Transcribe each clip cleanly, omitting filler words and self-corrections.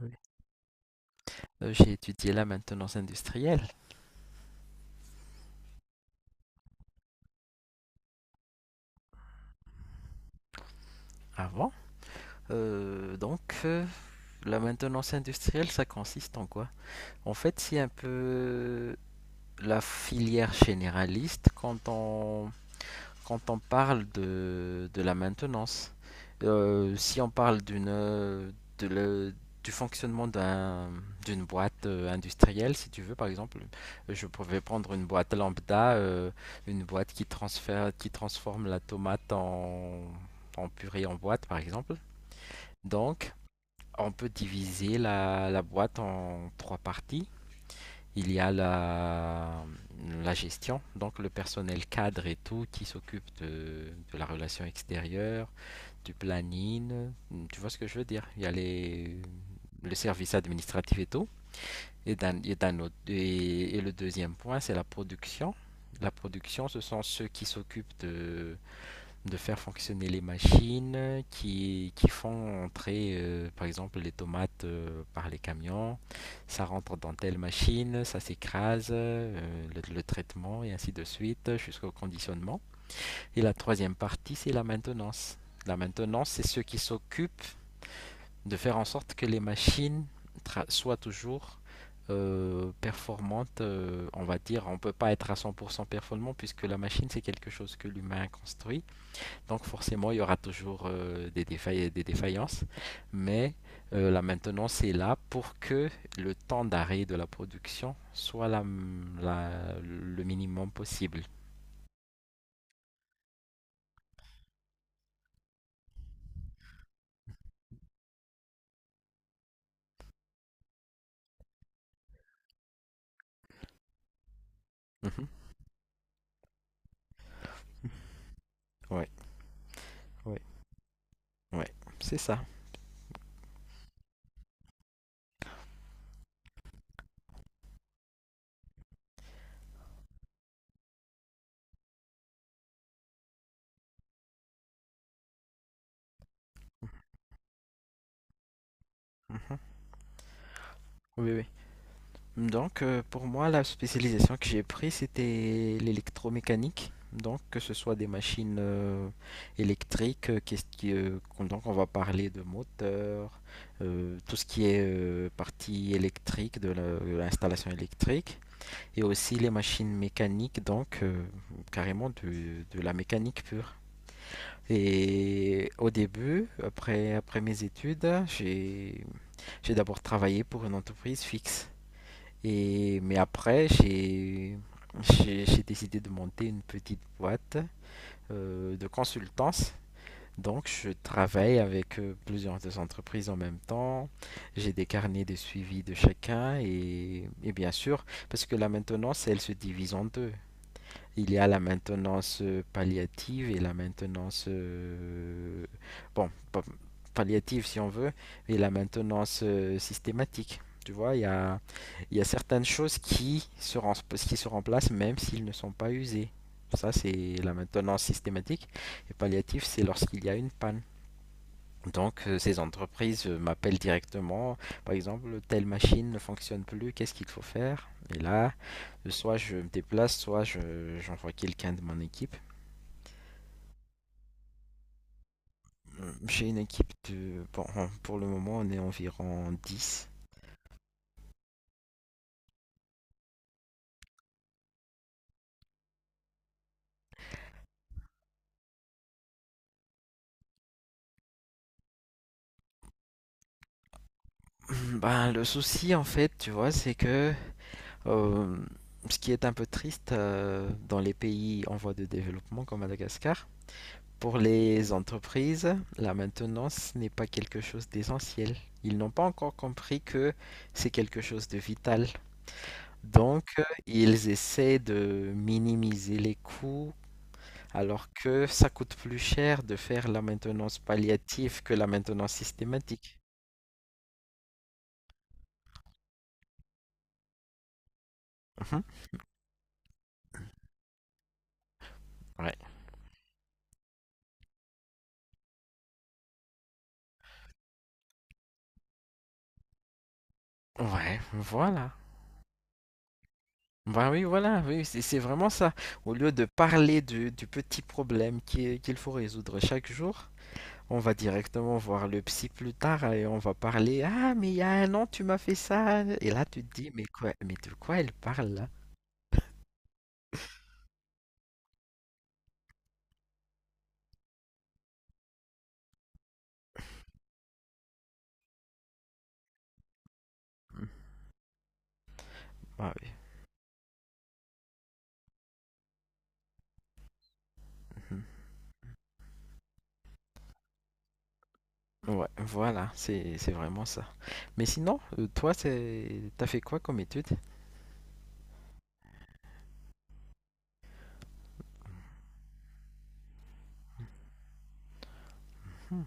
Oui. J'ai étudié la maintenance industrielle avant. Euh, donc, euh, la maintenance industrielle, ça consiste en quoi? En fait, c'est un peu la filière généraliste Quand on parle de la maintenance, si on parle de le- du fonctionnement d'une boîte industrielle, si tu veux, par exemple, je pouvais prendre une boîte lambda, une boîte qui transfère, qui transforme la tomate en purée en boîte, par exemple. Donc, on peut diviser la boîte en trois parties. Il y a la gestion, donc le personnel cadre et tout qui s'occupe de la relation extérieure, du planning. Tu vois ce que je veux dire? Il y a les, Le service administratif et tout. Et le deuxième point, c'est la production. La production, ce sont ceux qui s'occupent de faire fonctionner les machines qui font entrer, par exemple, les tomates par les camions. Ça rentre dans telle machine, ça s'écrase, le traitement et ainsi de suite jusqu'au conditionnement. Et la troisième partie, c'est la maintenance. La maintenance, c'est ceux qui s'occupent de faire en sorte que les machines soient toujours performantes, on va dire. On peut pas être à 100% performant puisque la machine, c'est quelque chose que l'humain construit, donc forcément, il y aura toujours des défaillances, mais la maintenance est là pour que le temps d'arrêt de la production soit le minimum possible. Mhm. Ouais, ouais, ouais, c'est ça. Mhm. Mhm. Oui, oui. Donc, pour moi, la spécialisation que j'ai prise, c'était l'électromécanique. Donc, que ce soit des machines électriques, donc on va parler de moteurs, tout ce qui est partie électrique de l'installation électrique, et aussi les machines mécaniques, donc carrément de la mécanique pure. Et au début, après mes études, j'ai d'abord travaillé pour une entreprise fixe. Et, mais après, j'ai décidé de monter une petite boîte de consultance. Donc, je travaille avec plusieurs des entreprises en même temps. J'ai des carnets de suivi de chacun et bien sûr, parce que la maintenance, elle se divise en deux. Il y a la maintenance palliative et la maintenance, bon, palliative si on veut, et la maintenance systématique. Tu vois, il y a certaines choses qui qui se remplacent même s'ils ne sont pas usés. Ça, c'est la maintenance systématique. Et palliative, c'est lorsqu'il y a une panne. Donc, ces entreprises m'appellent directement. Par exemple, telle machine ne fonctionne plus, qu'est-ce qu'il faut faire? Et là, soit je me déplace, j'envoie quelqu'un de mon équipe. J'ai une équipe de... bon, pour le moment, on est environ 10. Ben, le souci, en fait, tu vois, c'est que euh, ce qui est un peu triste dans les pays en voie de développement comme Madagascar, pour les entreprises, la maintenance n'est pas quelque chose d'essentiel. Ils n'ont pas encore compris que c'est quelque chose de vital. Donc, ils essaient de minimiser les coûts, alors que ça coûte plus cher de faire la maintenance palliative que la maintenance systématique. Mhm. Ouais. Ouais, voilà. Bah oui, voilà, oui, c'est vraiment ça. Au lieu de parler du petit problème qu'il faut résoudre chaque jour, on va directement voir le psy plus tard et on va parler. Ah, mais il y a un an, tu m'as fait ça. Et là, tu te dis, mais quoi, mais de quoi elle parle là? Ah oui. Mhm. Ouais, voilà, c'est vraiment ça. Mais sinon, toi, c'est t'as fait quoi comme étude? Hmm.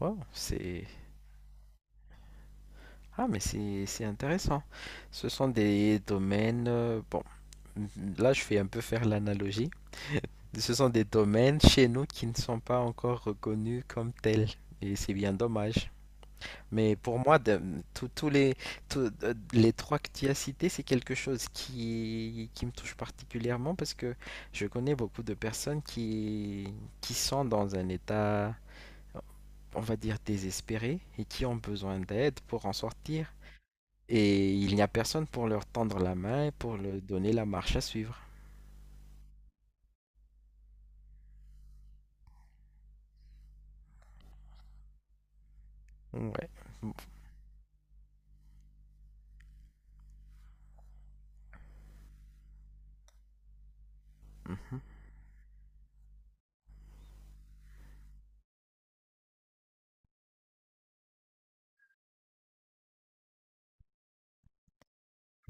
Wow, c'est ah mais c'est intéressant. Ce sont des domaines. Bon, là, je fais un peu faire l'analogie. Ce sont des domaines chez nous qui ne sont pas encore reconnus comme tels. Et c'est bien dommage. Mais pour moi, tous tous, les trois que tu as cités, c'est quelque chose qui me touche particulièrement parce que je connais beaucoup de personnes qui sont dans un état, on va dire, désespéré et qui ont besoin d'aide pour en sortir. Et il n'y a personne pour leur tendre la main et pour leur donner la marche à suivre. Ouais. Mhm.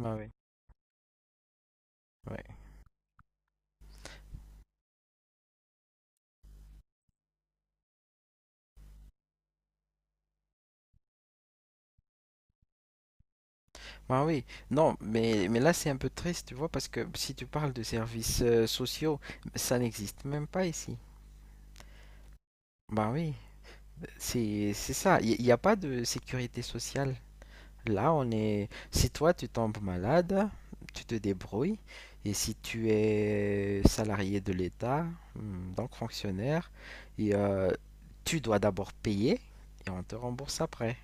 Ah ouais, ouais. Ah oui, non, mais là c'est un peu triste, tu vois, parce que si tu parles de services sociaux, ça n'existe même pas ici. Bah oui, c'est ça, il n'y a pas de sécurité sociale. Là, on est... Si toi, tu tombes malade, tu te débrouilles, et si tu es salarié de l'État, hmm, donc fonctionnaire, et, euh, tu dois d'abord payer, et on te rembourse après.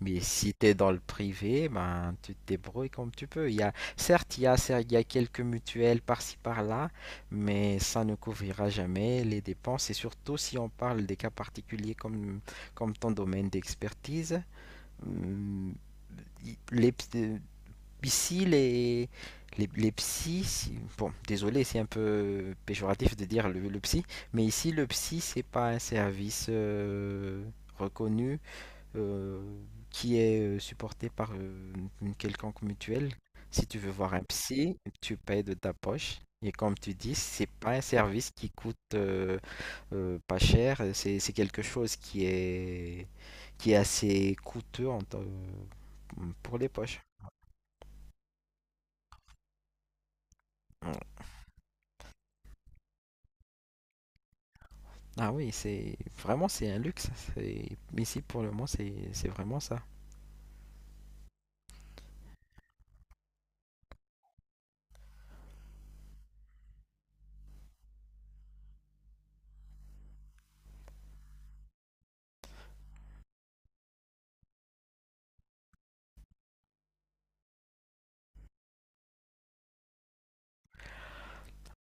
Mais si tu es dans le privé, ben, tu te débrouilles comme tu peux. Certes, il y a quelques mutuelles par-ci par-là, mais ça ne couvrira jamais les dépenses. Et surtout si on parle des cas particuliers comme ton domaine d'expertise, hum, i- les, ps- euh, ici, les psys, bon, désolé, c'est un peu péjoratif de dire le psy, mais ici, le psy, c'est pas un service reconnu euh, qui est supporté par une quelconque mutuelle. Si tu veux voir un psy, tu payes de ta poche. Et comme tu dis, c'est pas un service qui coûte pas cher, c'est quelque chose qui est assez coûteux pour les poches. Ah oui, c'est vraiment c'est un luxe. Ici pour le moment, c'est vraiment ça.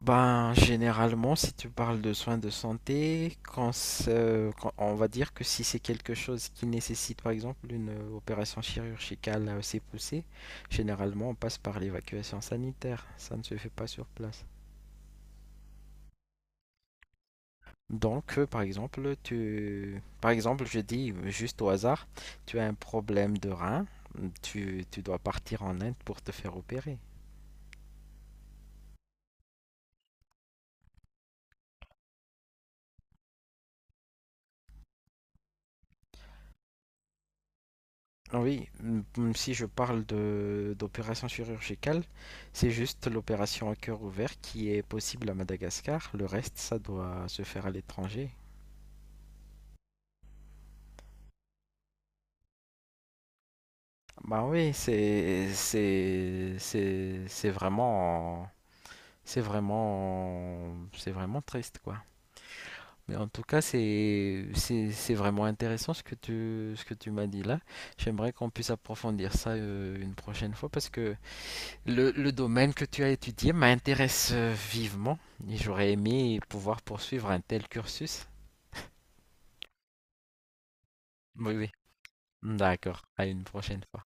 Ben, généralement, si tu parles de soins de santé, on va dire que si c'est quelque chose qui nécessite par exemple une opération chirurgicale assez poussée, généralement on passe par l'évacuation sanitaire. Ça ne se fait pas sur place. Donc, par exemple, je dis juste au hasard, tu as un problème de rein, tu dois partir en Inde pour te faire opérer. Ah oui, si je parle de d'opération chirurgicale, c'est juste l'opération à cœur ouvert qui est possible à Madagascar. Le reste, ça doit se faire à l'étranger. Bah oui, c'est vraiment c'est vraiment triste quoi. Mais en tout cas, c'est c'est vraiment intéressant ce que tu m'as dit là. J'aimerais qu'on puisse approfondir ça une prochaine fois parce que le domaine que tu as étudié m'intéresse vivement et j'aurais aimé pouvoir poursuivre un tel cursus. Oui, oui. D'accord, à une prochaine fois.